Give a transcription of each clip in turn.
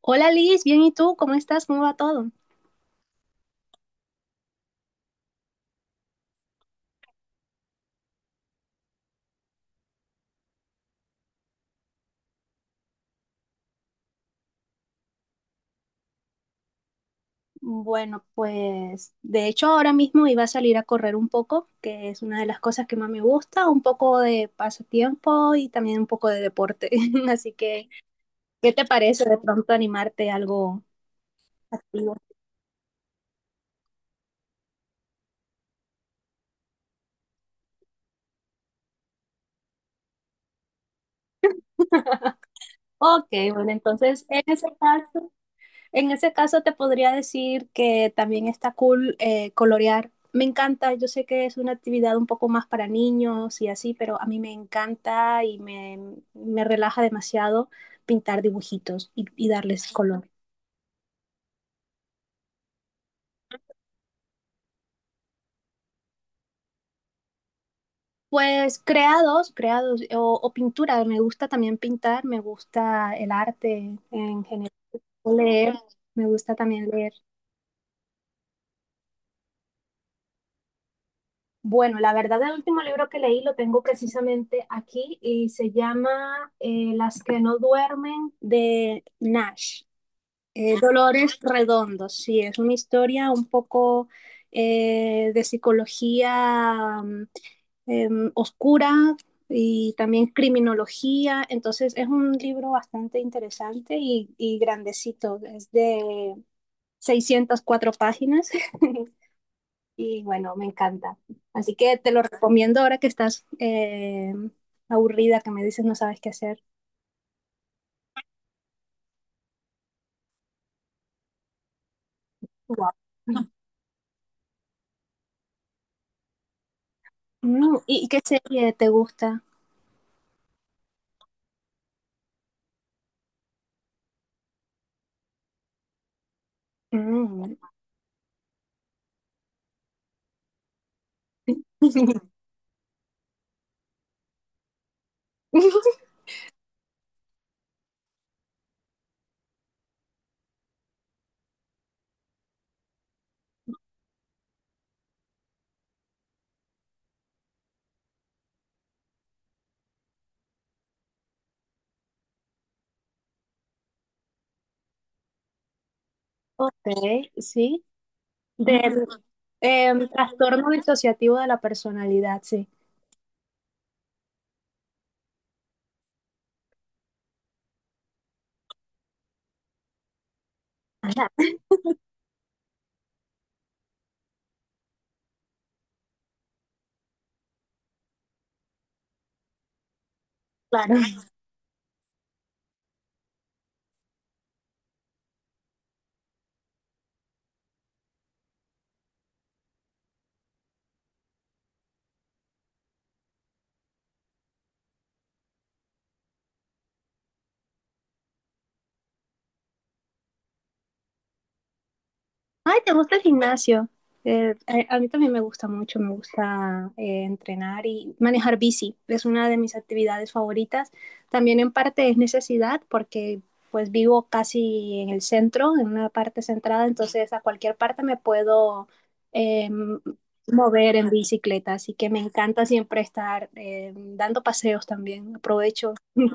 Hola Liz, bien, ¿y tú? ¿Cómo estás? ¿Cómo va todo? Bueno, pues de hecho ahora mismo iba a salir a correr un poco, que es una de las cosas que más me gusta, un poco de pasatiempo y también un poco de deporte. Así que, ¿qué te parece de pronto animarte a algo? Y yo, ok, bueno, entonces en ese caso... En ese caso te podría decir que también está cool, colorear. Me encanta, yo sé que es una actividad un poco más para niños y así, pero a mí me encanta y me relaja demasiado pintar dibujitos y darles color. Pues creados, creados o pintura, me gusta también pintar, me gusta el arte en general, leer, me gusta también leer. Bueno, la verdad, el último libro que leí lo tengo precisamente aquí y se llama Las que no duermen de Nash. Dolores Redondos, sí, es una historia un poco de psicología, oscura, y también criminología. Entonces es un libro bastante interesante y grandecito, es de 604 páginas. Y bueno, me encanta. Así que te lo recomiendo ahora que estás aburrida, que me dices no sabes qué hacer. Wow. ¿Y qué serie te gusta? Mm. Ok, sí. Del trastorno disociativo de la personalidad, sí. Ajá, claro. Ay, ¿te gusta el gimnasio? Eh, a mí también me gusta mucho, me gusta entrenar y manejar bici. Es una de mis actividades favoritas. También en parte es necesidad porque pues vivo casi en el centro, en una parte centrada, entonces a cualquier parte me puedo eh, mover en bicicleta. Así que me encanta siempre estar dando paseos también. Aprovecho.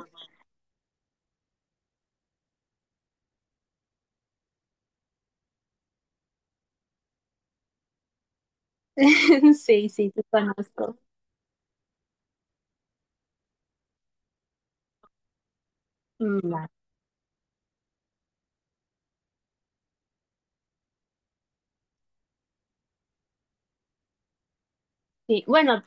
Sí, sí, te conozco. Mm, va. Sí, bueno,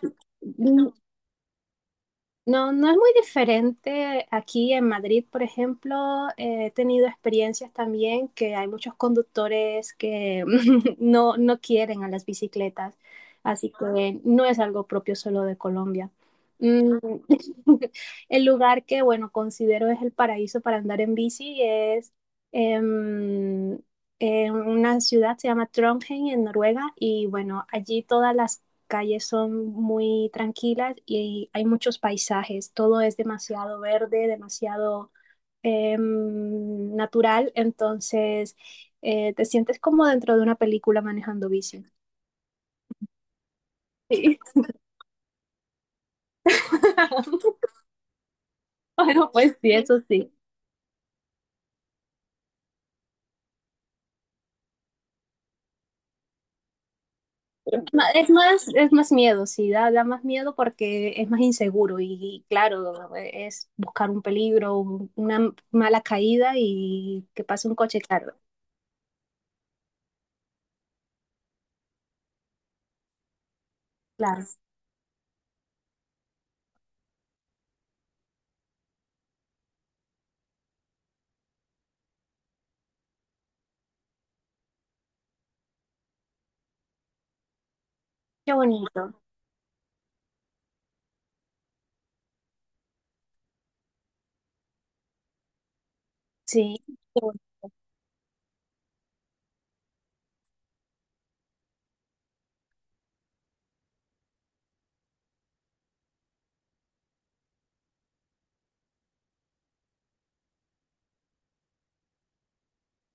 no, no es muy diferente. Aquí en Madrid, por ejemplo, he tenido experiencias también que hay muchos conductores que no, no quieren a las bicicletas, así que no es algo propio solo de Colombia. Mm. El lugar que, bueno, considero es el paraíso para andar en bici es, em, en una ciudad, se llama Trondheim, en Noruega, y bueno, allí todas las calles son muy tranquilas y hay muchos paisajes, todo es demasiado verde, demasiado natural, entonces te sientes como dentro de una película manejando bici. Sí. Bueno, pues sí, sí, eso sí. Es más miedo, sí, da, da más miedo porque es más inseguro y claro, es buscar un peligro, una mala caída y que pase un coche, claro. Claro. Qué bonito. Sí.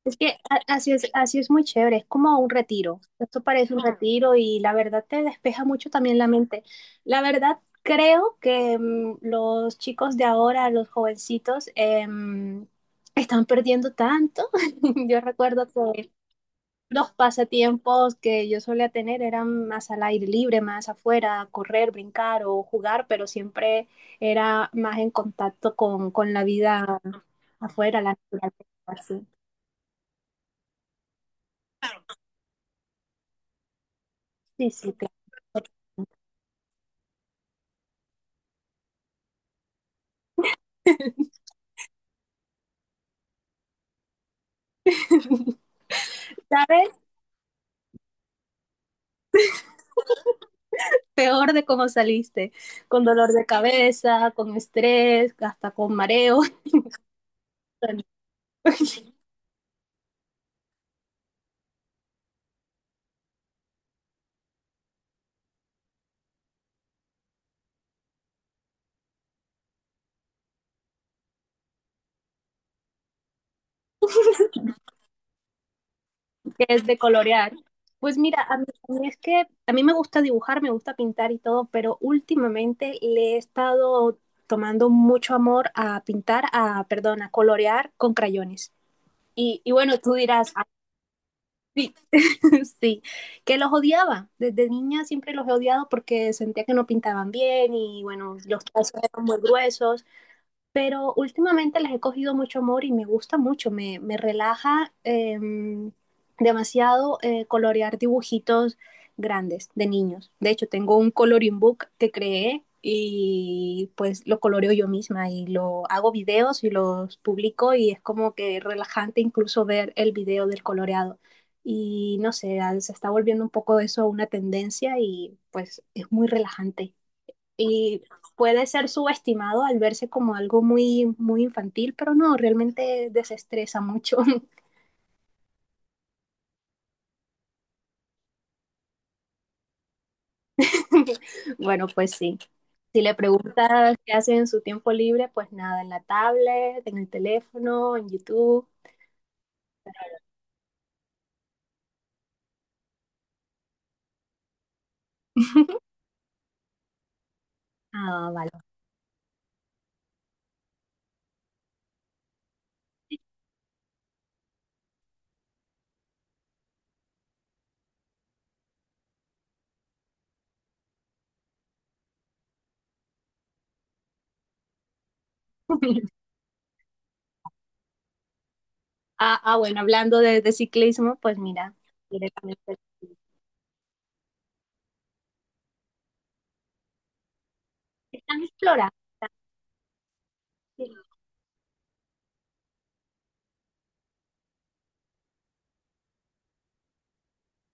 Es que así es muy chévere, es como un retiro. Esto parece un, claro, retiro, y la verdad te despeja mucho también la mente. La verdad, creo que, los chicos de ahora, los jovencitos, están perdiendo tanto. Yo recuerdo que los pasatiempos que yo solía tener eran más al aire libre, más afuera, correr, brincar o jugar, pero siempre era más en contacto con la vida afuera, la naturaleza, así. Sí, sí, claro. ¿Sabes? Peor de cómo saliste, con dolor de cabeza, con estrés, hasta con mareo, que es de colorear. Pues mira, a mí es que a mí me gusta dibujar, me gusta pintar y todo, pero últimamente le he estado tomando mucho amor a pintar, a, perdón, a colorear con crayones. Y bueno, tú dirás, "Ah, sí, sí", que los odiaba. Desde niña siempre los he odiado porque sentía que no pintaban bien y bueno, los trazos eran muy gruesos. Pero últimamente les he cogido mucho amor y me gusta mucho, me relaja, demasiado, colorear dibujitos grandes de niños. De hecho, tengo un coloring book que creé y pues lo coloreo yo misma y lo hago videos y los publico y es como que relajante incluso ver el video del coloreado. Y no sé, ah, se está volviendo un poco eso una tendencia y pues es muy relajante y puede ser subestimado al verse como algo muy, muy infantil, pero no, realmente desestresa mucho. Bueno, pues sí. Si le preguntas qué hace en su tiempo libre, pues nada, en la tablet, en el teléfono, en YouTube. Ah, vale. Ah, ah, bueno, hablando de ciclismo, pues mira, directamente están explorando.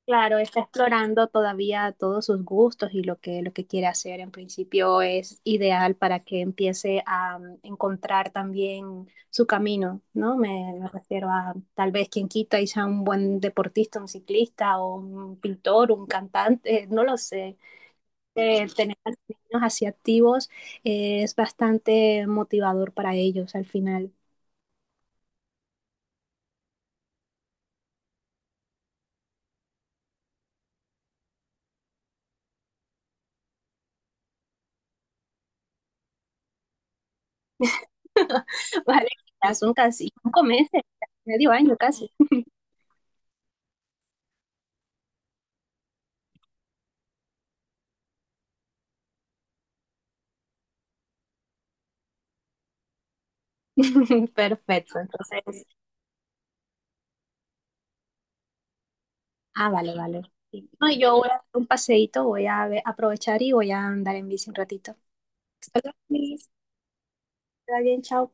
Claro, está explorando todavía todos sus gustos y lo que quiere hacer. En principio es ideal para que empiece a, encontrar también su camino, ¿no? Me refiero a tal vez quien quita y sea un buen deportista, un ciclista o un pintor, un cantante, no lo sé. Tener a los niños así activos es bastante motivador para ellos al final. Vale, ya son casi 5 meses, medio año casi. Perfecto, entonces. Ah, vale, vale. Sí. No, yo voy a dar un paseíto, voy a aprovechar y voy a andar en bici un ratito. Hasta luego, Liz. Está bien, chao.